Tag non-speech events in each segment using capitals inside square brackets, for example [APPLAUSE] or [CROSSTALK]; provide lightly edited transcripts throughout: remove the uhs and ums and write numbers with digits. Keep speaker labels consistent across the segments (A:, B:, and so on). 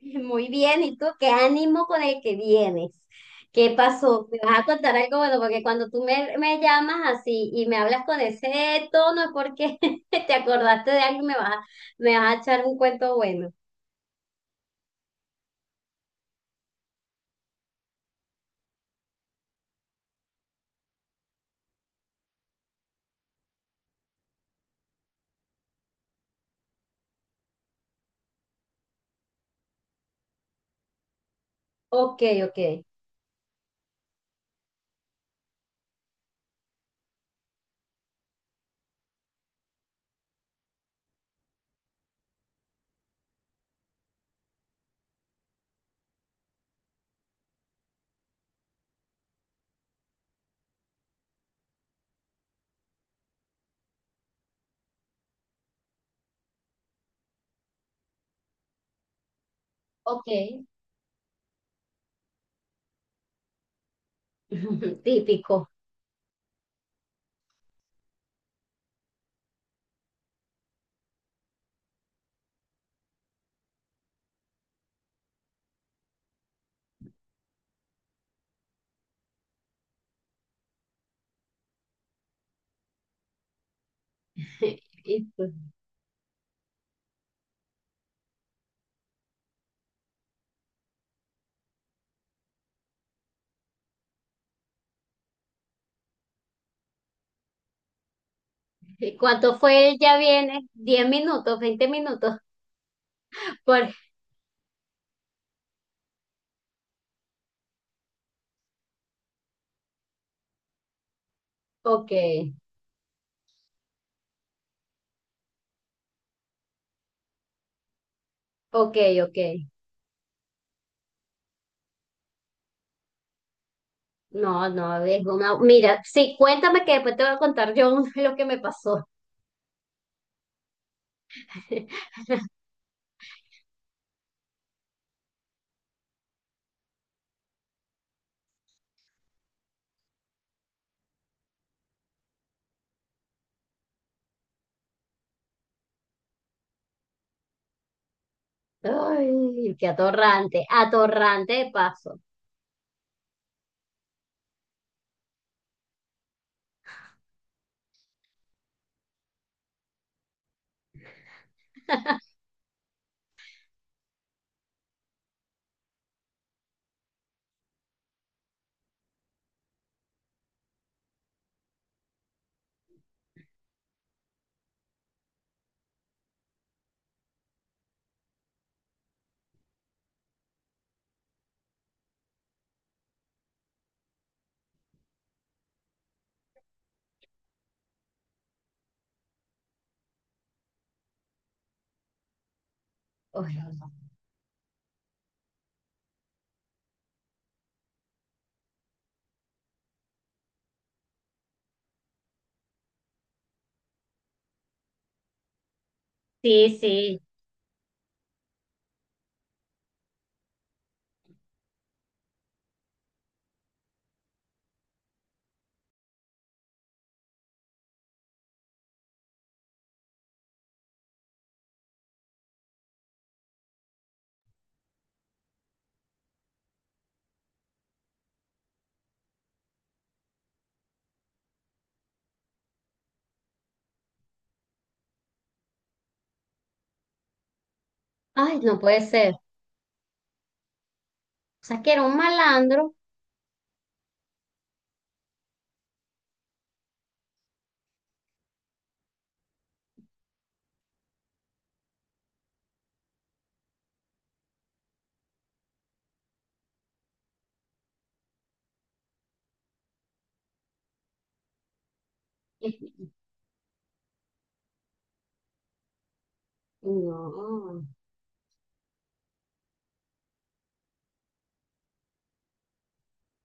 A: Muy bien, ¿y tú qué ánimo con el que vienes? ¿Qué pasó? ¿Me vas a contar algo bueno? Porque cuando tú me llamas así y me hablas con ese tono es porque [LAUGHS] te acordaste de algo y me vas, me vas a echar un cuento bueno. Ok, ok, ok. [LAUGHS] Típico. [LAUGHS] ¿Y tú? ¿Y cuánto fue el ya viene? ¿Diez minutos? ¿Veinte minutos? [LAUGHS] Por... Ok, ok, ok. No, no, es una... Mira, sí, cuéntame que después te voy a contar yo [LAUGHS] lo que me pasó. Ay, qué atorrante, atorrante de paso. Ay, no. Sí, sí. Ay, no puede ser. O sea, que era un malandro. [LAUGHS] No.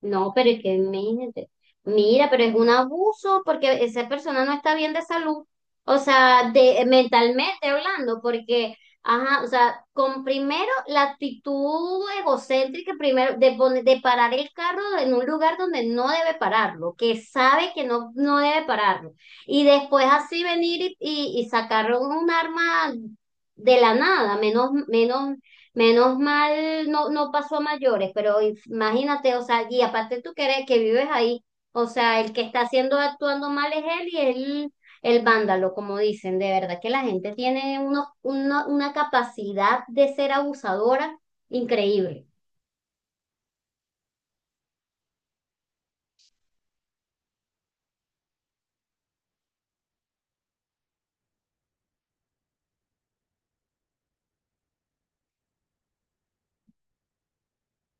A: No, pero es que imagínate. Mira, pero es un abuso porque esa persona no está bien de salud. O sea, de, mentalmente hablando, porque, ajá, o sea, con primero la actitud egocéntrica, primero de, de parar el carro en un lugar donde no debe pararlo, que sabe que no, no debe pararlo. Y después así venir y sacar un arma de la nada, menos, menos. Menos mal no, no pasó a mayores, pero imagínate, o sea, y aparte tú que que vives ahí, o sea, el que está haciendo actuando mal es él y él el vándalo, como dicen, de verdad que la gente tiene una capacidad de ser abusadora increíble.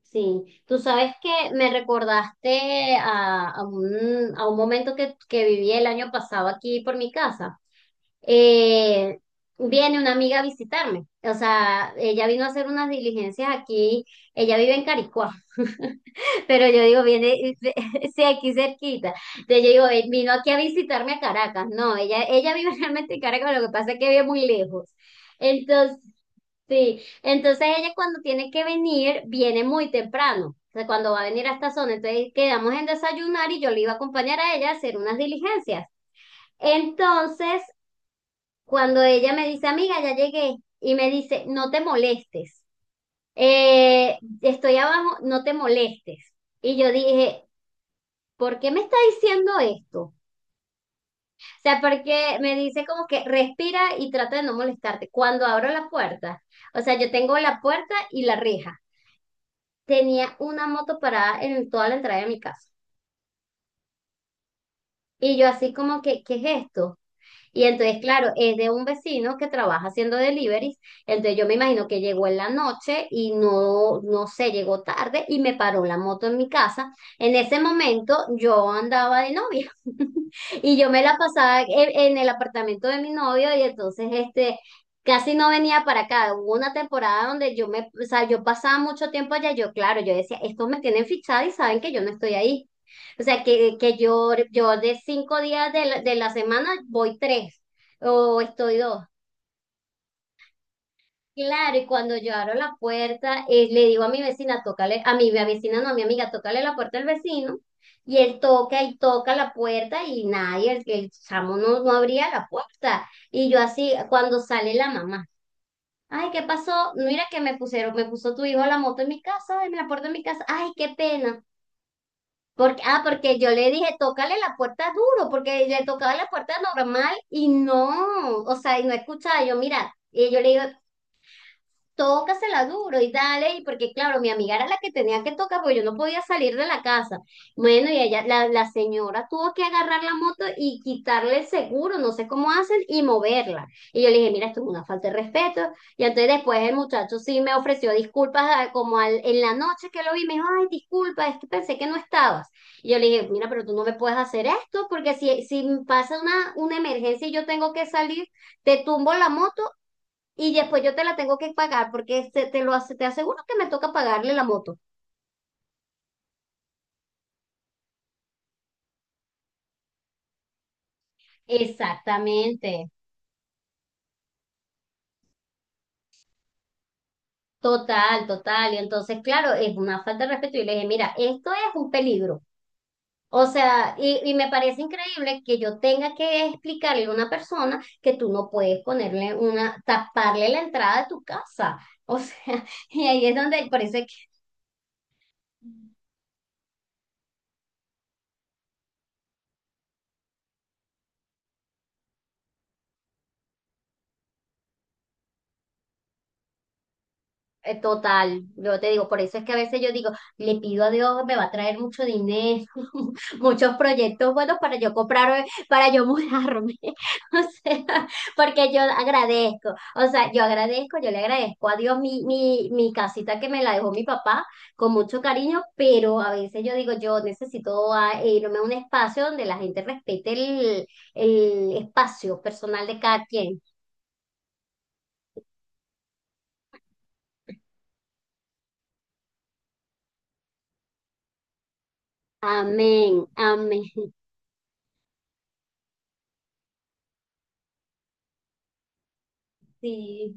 A: Sí, tú sabes que me recordaste a un momento que viví el año pasado aquí por mi casa. eh, Viene una amiga a visitarme. O sea, ella vino a hacer unas diligencias aquí. Ella vive en Caricuá, [LAUGHS] pero yo digo, viene, [LAUGHS] sí, aquí cerquita. Entonces yo digo, vino aquí a visitarme a Caracas. No, ella vive [LAUGHS] realmente en Caracas, lo que pasa es que vive muy lejos. Entonces, sí, entonces ella cuando tiene que venir, viene muy temprano. O sea, cuando va a venir a esta zona, entonces quedamos en desayunar y yo le iba a acompañar a ella a hacer unas diligencias. Entonces, cuando ella me dice, amiga, ya llegué, y me dice, no te molestes, estoy abajo, no te molestes. Y yo dije, ¿por qué me está diciendo esto? O sea, porque me dice como que respira y trata de no molestarte. Cuando abro la puerta, o sea, yo tengo la puerta y la reja. Tenía una moto parada en toda la entrada de mi casa. Y yo así como que, ¿qué es esto? Y entonces, claro, es de un vecino que trabaja haciendo deliveries. Entonces, yo me imagino que llegó en la noche y no, no sé, llegó tarde y me paró la moto en mi casa. En ese momento, yo andaba de novia [LAUGHS] y yo me la pasaba en el apartamento de mi novio y entonces, este, casi no venía para acá. Hubo una temporada donde yo me, o sea, yo pasaba mucho tiempo allá. Yo, claro, yo decía, estos me tienen fichada y saben que yo no estoy ahí. O sea, que yo de 5 días de la semana voy tres o estoy dos. Claro, y cuando yo abro la puerta, le digo a mi vecina, tócale, a mi vecina no, a mi amiga, tócale la puerta al vecino. Y él toca y toca la puerta y nadie, el chamo no, no abría la puerta. Y yo así, cuando sale la mamá, ay, ¿qué pasó? Mira que me pusieron, me puso tu hijo la moto en mi casa, en la puerta de mi casa. Ay, qué pena. Porque, ah, porque yo le dije, tócale la puerta duro, porque le tocaba la puerta normal y no, o sea, y no escuchaba. Yo, mira, y yo le digo, tócasela duro y dale, y porque claro, mi amiga era la que tenía que tocar, porque yo no podía salir de la casa. Bueno, y ella, la señora tuvo que agarrar la moto y quitarle el seguro, no sé cómo hacen, y moverla. Y yo le dije, mira, esto es una falta de respeto. Y entonces después el muchacho sí me ofreció disculpas ah, como en la noche que lo vi, me dijo, ay, disculpa, es que pensé que no estabas. Y yo le dije, mira, pero tú no me puedes hacer esto, porque si, si pasa una emergencia y yo tengo que salir, te tumbo la moto y después yo te la tengo que pagar porque te aseguro que me toca pagarle la moto. Exactamente. Total, total. Y entonces, claro, es una falta de respeto. Y le dije, mira, esto es un peligro. O sea, y me parece increíble que yo tenga que explicarle a una persona que tú no puedes ponerle una, taparle la entrada de tu casa. O sea, [LAUGHS] y ahí es donde parece. Total, yo te digo, por eso es que a veces yo digo, le pido a Dios, me va a traer mucho dinero, [LAUGHS] muchos proyectos buenos para yo comprar, para yo mudarme, [LAUGHS] o sea, porque yo agradezco, o sea, yo agradezco, yo le agradezco a Dios mi casita que me la dejó mi papá con mucho cariño, pero a veces yo digo, yo necesito ah, e irme a un espacio donde la gente respete el espacio personal de cada quien. Amén, amén, sí.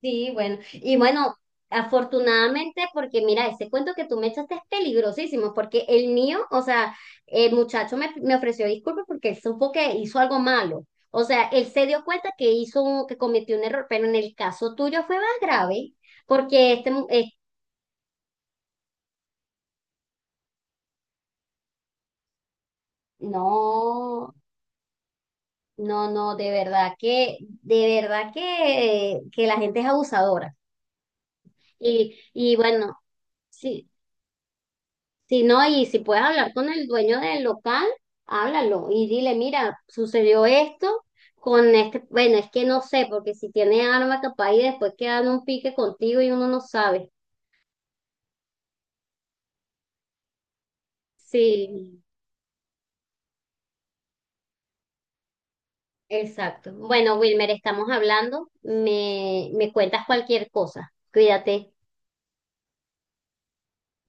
A: Sí, bueno, y bueno, afortunadamente, porque mira, ese cuento que tú me echaste es peligrosísimo, porque el mío, o sea, el muchacho me ofreció disculpas porque él supo que hizo algo malo. O sea, él se dio cuenta que hizo que cometió un error, pero en el caso tuyo fue más grave, porque este, no, no, no, de verdad que, de verdad que la gente es abusadora. Y bueno, sí. Si no, y si puedes hablar con el dueño del local, háblalo y dile, mira, sucedió esto con este, bueno, es que no sé, porque si tiene arma capaz y después quedan un pique contigo y uno no sabe. Sí, exacto. Bueno, Wilmer, estamos hablando, me cuentas cualquier cosa. Cuídate.